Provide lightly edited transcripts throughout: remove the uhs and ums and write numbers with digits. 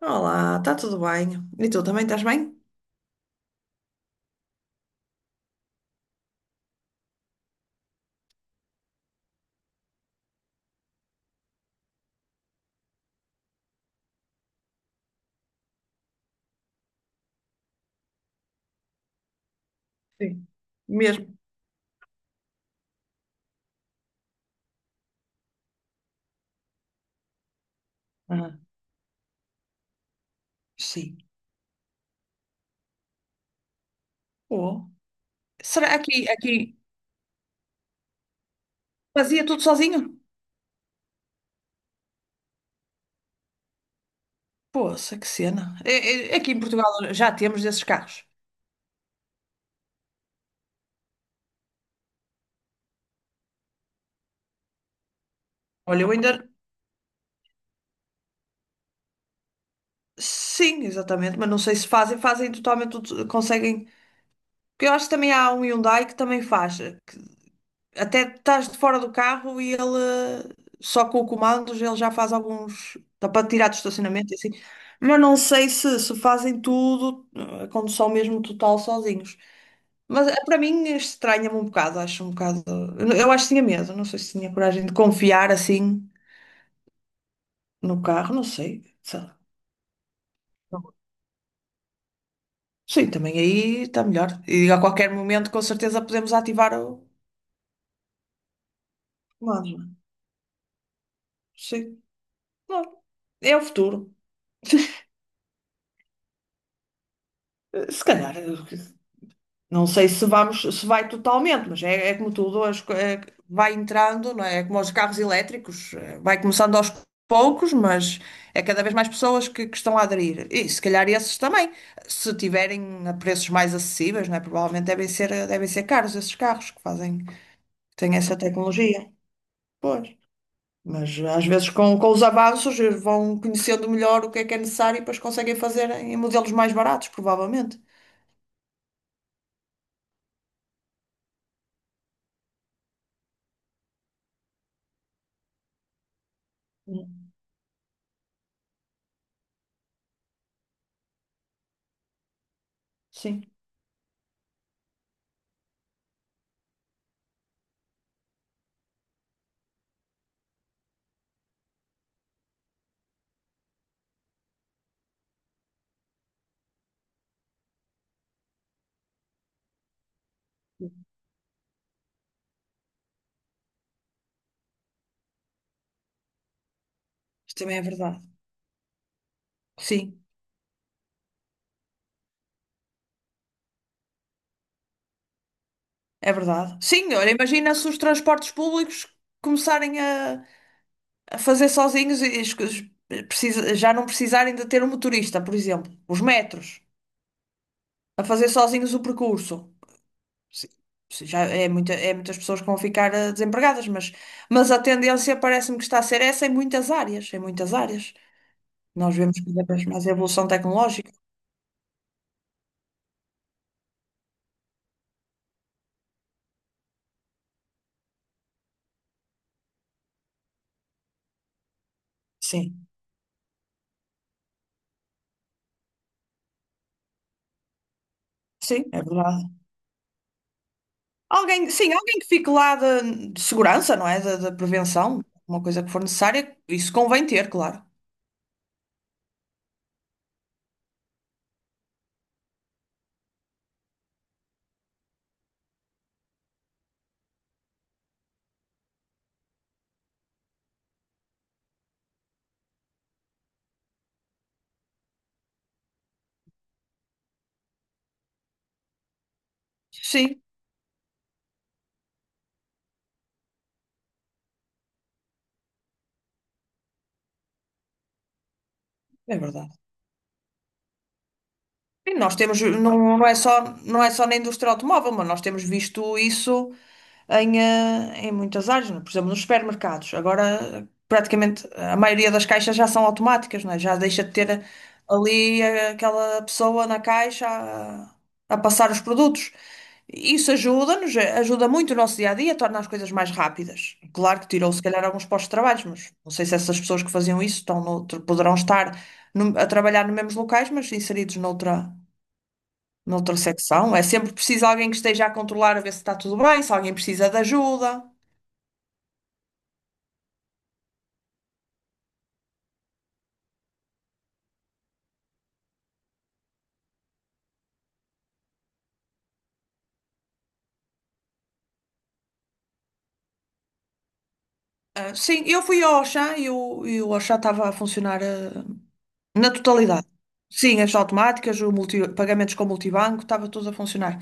Olá, está tudo bem? E tu também estás bem? Sim. Mesmo. Ah, sim. Pô, será aqui fazia tudo sozinho? Poxa, que cena. Aqui em Portugal já temos desses carros. Olha, eu ainda. Sim, exatamente, mas não sei se fazem totalmente tudo, conseguem. Porque eu acho que também há um Hyundai que também faz. Até estás de fora do carro e ele, eh, só com o comando ele já faz alguns, dá para tirar do estacionamento e assim. Mas não sei se, se fazem tudo, a condução mesmo total sozinhos. Mas para mim estranha-me um bocado, acho um bocado, eu acho que tinha medo, não sei se tinha coragem de confiar assim no carro, não sei, sei lá. Sim, também aí está melhor, e a qualquer momento com certeza podemos ativar o comando, não é? Sim, claro. É o futuro. Se calhar, não sei se vamos, se vai totalmente, mas é, é como tudo, é que vai entrando, não é? É como os carros elétricos, vai começando aos poucos, mas é cada vez mais pessoas que estão a aderir. E se calhar esses também, se tiverem a preços mais acessíveis, não é? Provavelmente devem ser caros esses carros que fazem, que têm essa tecnologia. Pois. Mas às vezes com os avanços, vão conhecendo melhor o que é necessário e depois conseguem fazer em modelos mais baratos, provavelmente. Hum. Sim, isso também é verdade. Sim. É verdade. Sim, olha, imagina se os transportes públicos começarem a fazer sozinhos e as coisas já não precisarem de ter um motorista, por exemplo. Os metros, a fazer sozinhos o percurso. Sim, sim, já é, muita, é muitas pessoas que vão ficar, desempregadas, mas a tendência parece-me que está a ser essa em muitas áreas, em muitas áreas. Nós vemos cada vez mais a evolução tecnológica. Sim, sim, é verdade. Alguém, sim, alguém que fique lá de segurança, não é? Da prevenção, uma coisa que for necessária, isso convém ter, claro. Sim, é verdade. Sim, nós temos, não, não é só, não é só na indústria automóvel, mas nós temos visto isso em, em muitas áreas, não é? Por exemplo, nos supermercados. Agora, praticamente, a maioria das caixas já são automáticas, não é? Já deixa de ter ali, aquela pessoa na caixa a passar os produtos. Isso ajuda-nos, ajuda muito o nosso dia a dia, torna as coisas mais rápidas. Claro que tirou, se calhar, alguns postos de trabalho, mas não sei se essas pessoas que faziam isso estão poderão estar a trabalhar nos mesmos locais, mas inseridos noutra. Na ultrassecção, é sempre preciso alguém que esteja a controlar, a ver se está tudo bem, se alguém precisa de ajuda. Ah, sim, eu fui ao Auchan e o Auchan estava a funcionar, ah, na totalidade. Sim, as automáticas, pagamentos com multibanco, estava tudo a funcionar.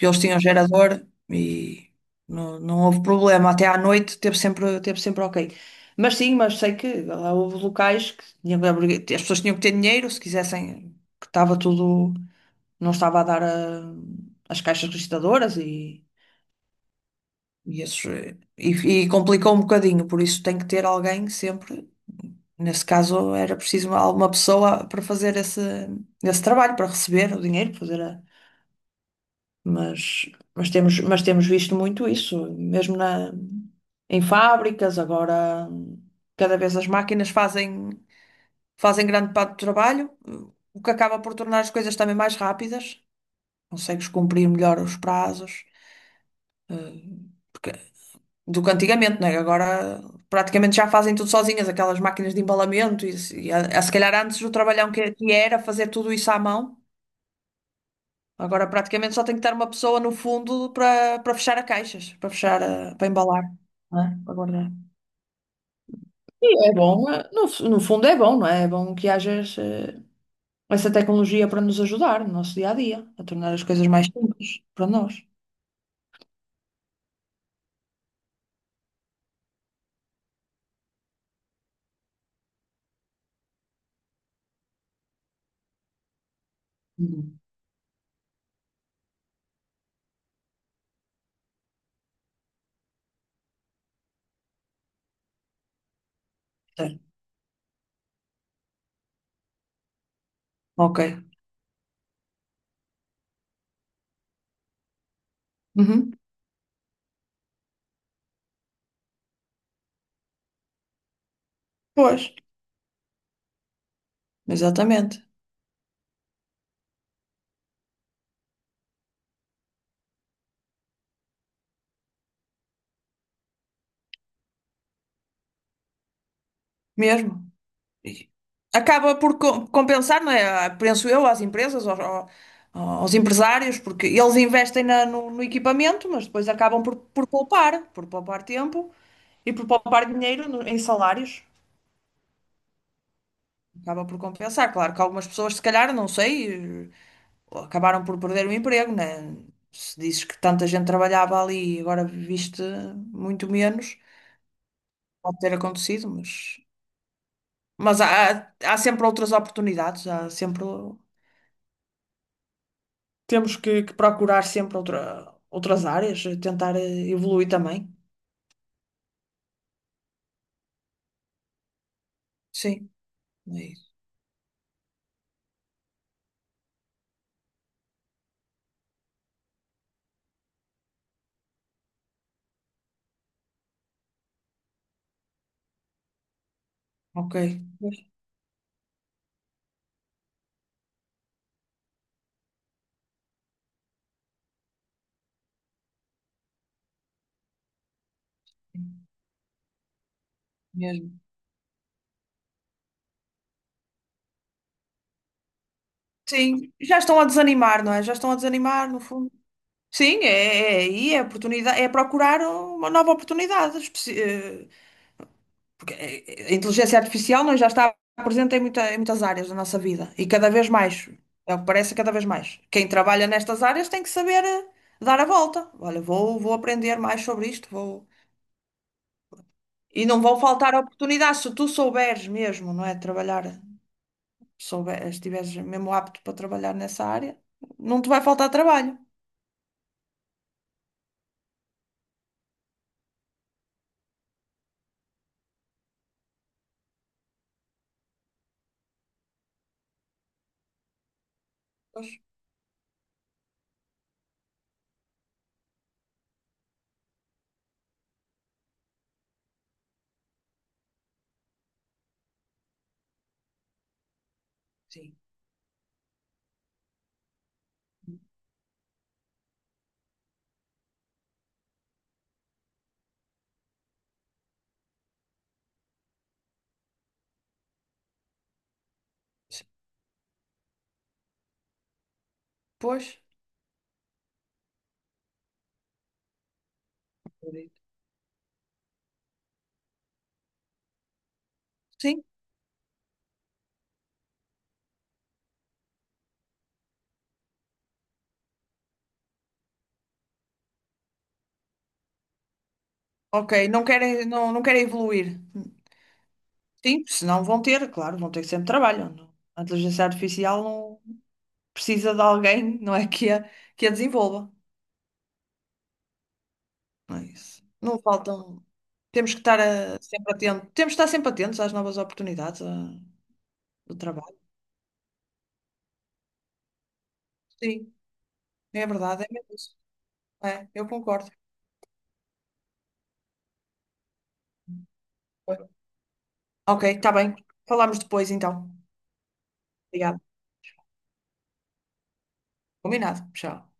Eles tinham gerador e não, não houve problema. Até à noite teve sempre OK. Mas sim, mas sei que lá houve locais que as pessoas tinham que ter dinheiro se quisessem, que estava tudo. Não estava a dar a- as caixas registadoras e, esses, e complicou um bocadinho, por isso tem que ter alguém sempre. Nesse caso era preciso alguma pessoa para fazer esse, esse trabalho, para receber o dinheiro, mas, mas temos visto muito isso, mesmo na, em fábricas, agora cada vez as máquinas fazem, fazem grande parte do trabalho, o que acaba por tornar as coisas também mais rápidas, consegues cumprir melhor os prazos. Porque- do que antigamente, né? Agora praticamente já fazem tudo sozinhas, aquelas máquinas de embalamento, e, e a, se calhar antes o trabalhão que era fazer tudo isso à mão, agora praticamente só tem que estar uma pessoa no fundo para para fechar as caixas, para fechar, para embalar, não é? Para guardar. E é bom, no, no fundo é bom, não é? É bom que haja essa tecnologia para nos ajudar no nosso dia a dia, a tornar as coisas mais simples para nós. Uhum. Certo. OK. Uhum. Pois, exatamente. Mesmo. Compensar, não é? Ah, penso eu, às empresas, aos empresários, porque eles investem no, no equipamento, mas depois acabam por poupar tempo e por poupar dinheiro em salários. Acaba por compensar. Claro que algumas pessoas, se calhar, não sei, acabaram por perder o emprego, né? Se dizes que tanta gente trabalhava ali e agora viste muito menos, pode ter acontecido, mas há, há sempre outras oportunidades, há sempre. Temos que procurar sempre outra, outras áreas, tentar evoluir também. Sim, é isso. OK. Pois. Mesmo. Sim, já estão a desanimar, não é? Já estão a desanimar, no fundo. Sim, é, é aí é a oportunidade, é procurar uma nova oportunidade. Porque a inteligência artificial, não é? Já está presente em, em muitas áreas da nossa vida e cada vez mais. É o que parece cada vez mais. Quem trabalha nestas áreas tem que saber, dar a volta. Olha, vou, vou aprender mais sobre isto, vou. E não vão faltar oportunidades se tu souberes mesmo, não é? Trabalhar, souber, estiveres mesmo apto para trabalhar nessa área, não te vai faltar trabalho. Pois, sim. Sim. Pois, acredito. Sim. OK, não querem, não, não querem evoluir. Sim, senão vão ter, claro, vão ter sempre trabalho. A inteligência artificial não precisa de alguém, não é, que a desenvolva. Não é isso. Não faltam. Temos que estar, sempre atentos. Temos que estar sempre atentos às novas oportunidades, do trabalho. Sim. É verdade, é mesmo isso. É, eu concordo. OK, está bem. Falamos depois então. Obrigada. Combinado. Tchau.